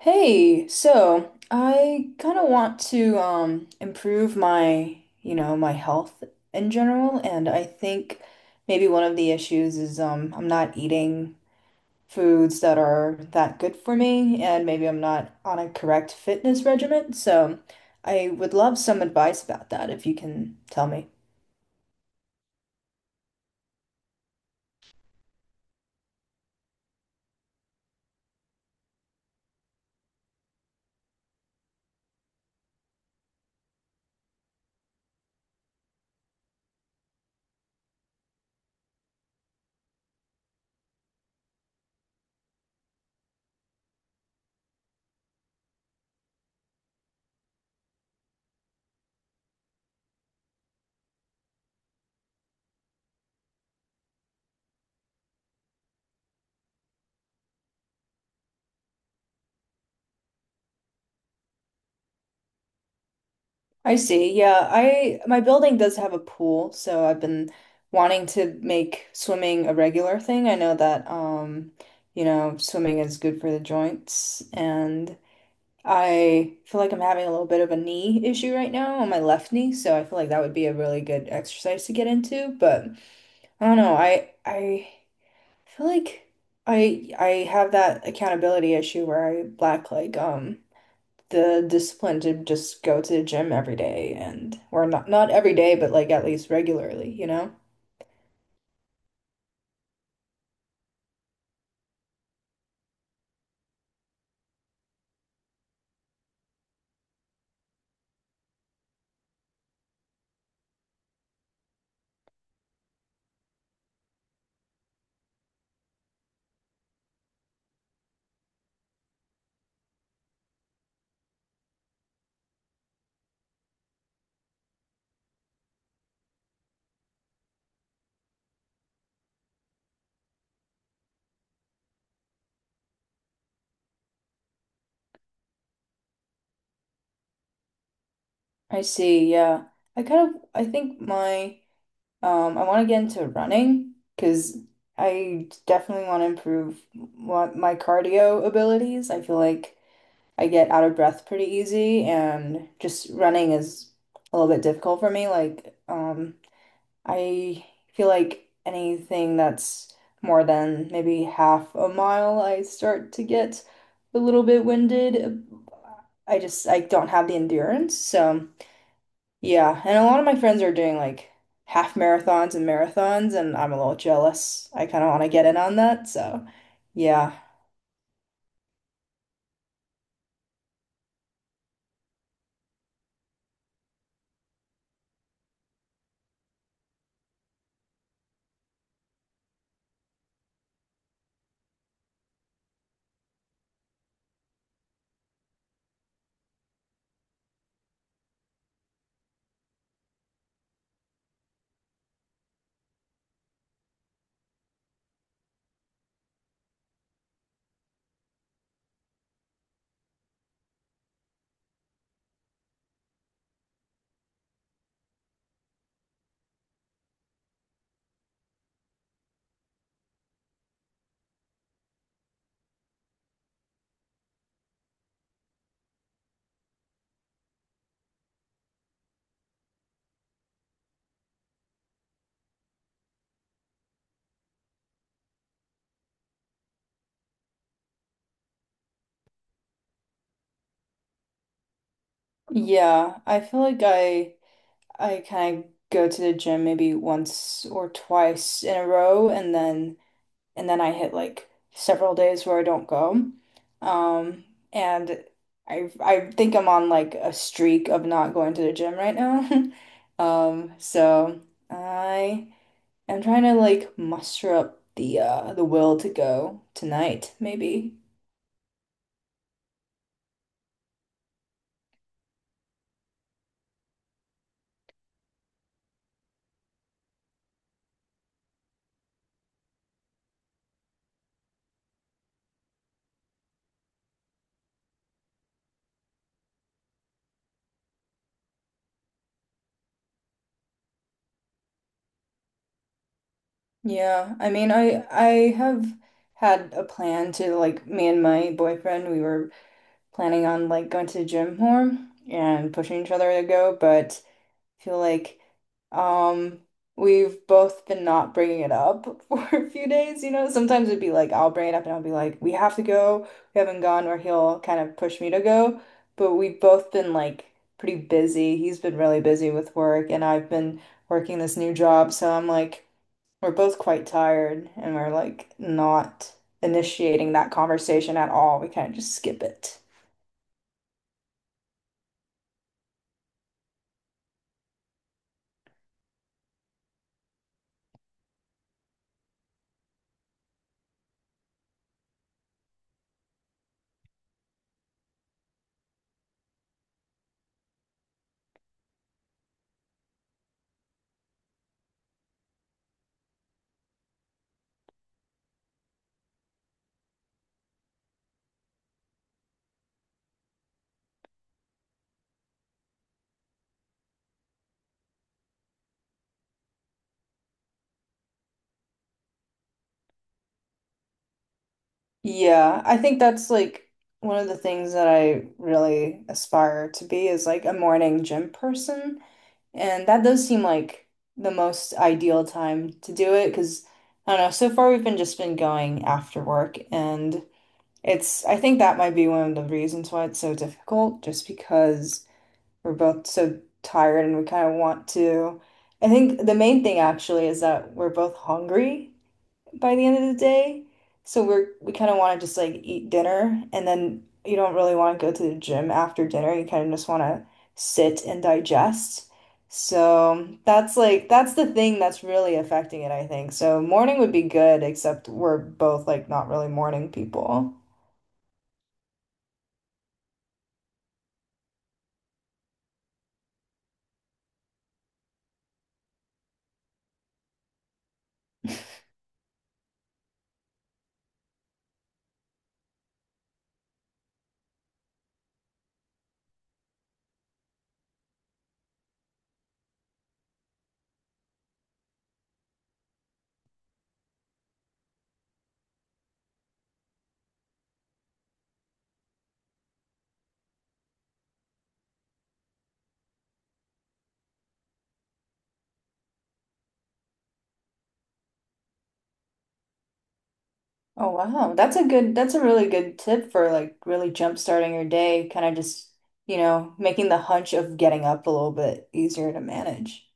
Hey, so I kind of want to improve my health in general, and I think maybe one of the issues is I'm not eating foods that are that good for me, and maybe I'm not on a correct fitness regimen. So I would love some advice about that if you can tell me. I see. Yeah, I my building does have a pool, so I've been wanting to make swimming a regular thing. I know that you know, swimming is good for the joints, and I feel like I'm having a little bit of a knee issue right now on my left knee, so I feel like that would be a really good exercise to get into, but I don't know. I feel like I have that accountability issue where I lack like the discipline to just go to the gym every day and or not every day, but like at least regularly, you know? I see, yeah. I kind of I think my I want to get into running because I definitely want to improve what my cardio abilities. I feel like I get out of breath pretty easy and just running is a little bit difficult for me. Like I feel like anything that's more than maybe half a mile, I start to get a little bit winded. I don't have the endurance. So yeah, and a lot of my friends are doing like half marathons and marathons, and I'm a little jealous. I kind of want to get in on that. So yeah, yeah, I feel like I kind of go to the gym maybe once or twice in a row, and then I hit like several days where I don't go. Um, and I think I'm on like a streak of not going to the gym right now. So I am trying to like muster up the will to go tonight, maybe. Yeah, I mean, I have had a plan to like me and my boyfriend, we were planning on like going to the gym more and pushing each other to go, but feel like um we've both been not bringing it up for a few days, you know. Sometimes it'd be like I'll bring it up and I'll be like, "We have to go." We haven't gone, or he'll kind of push me to go. But we've both been like pretty busy. He's been really busy with work, and I've been working this new job, so I'm like. We're both quite tired and we're like not initiating that conversation at all. We kind of just skip it. Yeah, I think that's like one of the things that I really aspire to be is like a morning gym person. And that does seem like the most ideal time to do it because I don't know, so far we've been going after work and it's I think that might be one of the reasons why it's so difficult just because we're both so tired and we kind of want to. I think the main thing actually is that we're both hungry by the end of the day. So we kind of want to just like eat dinner and then you don't really want to go to the gym after dinner. You kind of just want to sit and digest. So that's the thing that's really affecting it, I think. So morning would be good, except we're both like not really morning people. Oh wow. That's a really good tip for like really jump starting your day, kind of just, you know, making the hunch of getting up a little bit easier to manage.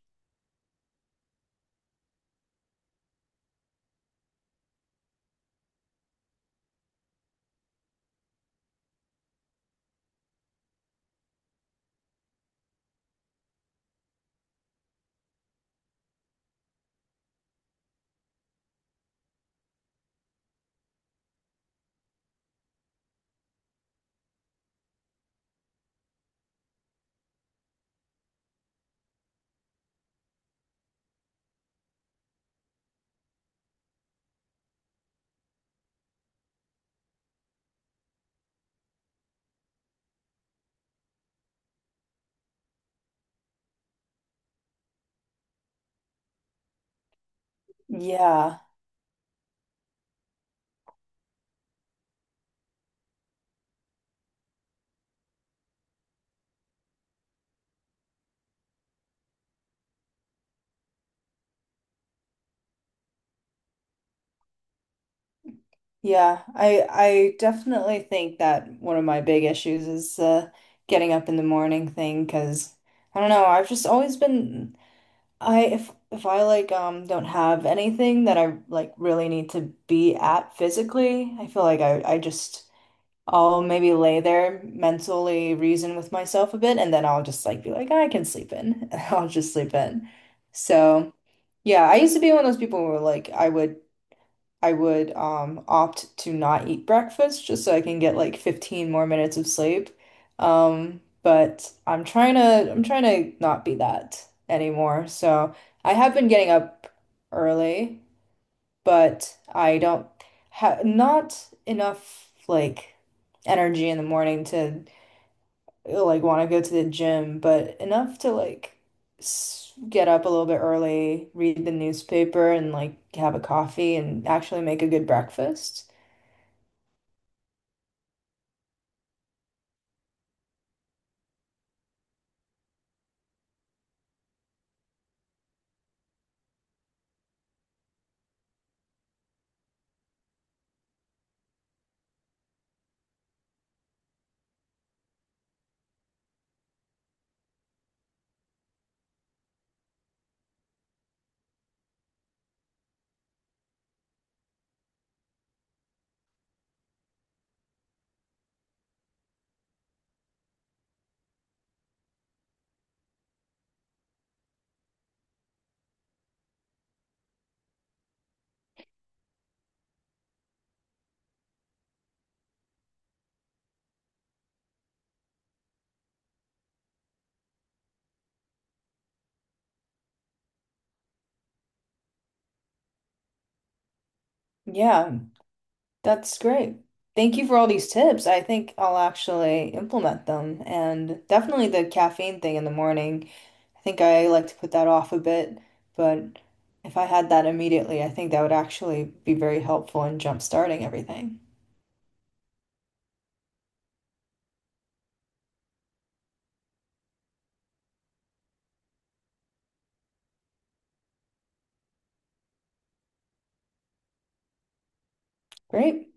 Yeah. Yeah, I definitely think that one of my big issues is getting up in the morning thing. Cause I don't know, I've just always been I if I don't have anything that I like really need to be at physically, I feel like I just I'll maybe lay there mentally reason with myself a bit and then I'll just like be like I can sleep in. I'll just sleep in. So, yeah, I used to be one of those people who like I would opt to not eat breakfast just so I can get like 15 more minutes of sleep. But I'm trying to not be that anymore. So I have been getting up early, but I don't have not enough like energy in the morning to like want to go to the gym, but enough to like get up a little bit early, read the newspaper, and like have a coffee and actually make a good breakfast. Yeah, that's great. Thank you for all these tips. I think I'll actually implement them and definitely the caffeine thing in the morning. I think I like to put that off a bit, but if I had that immediately, I think that would actually be very helpful in jump starting everything. Great.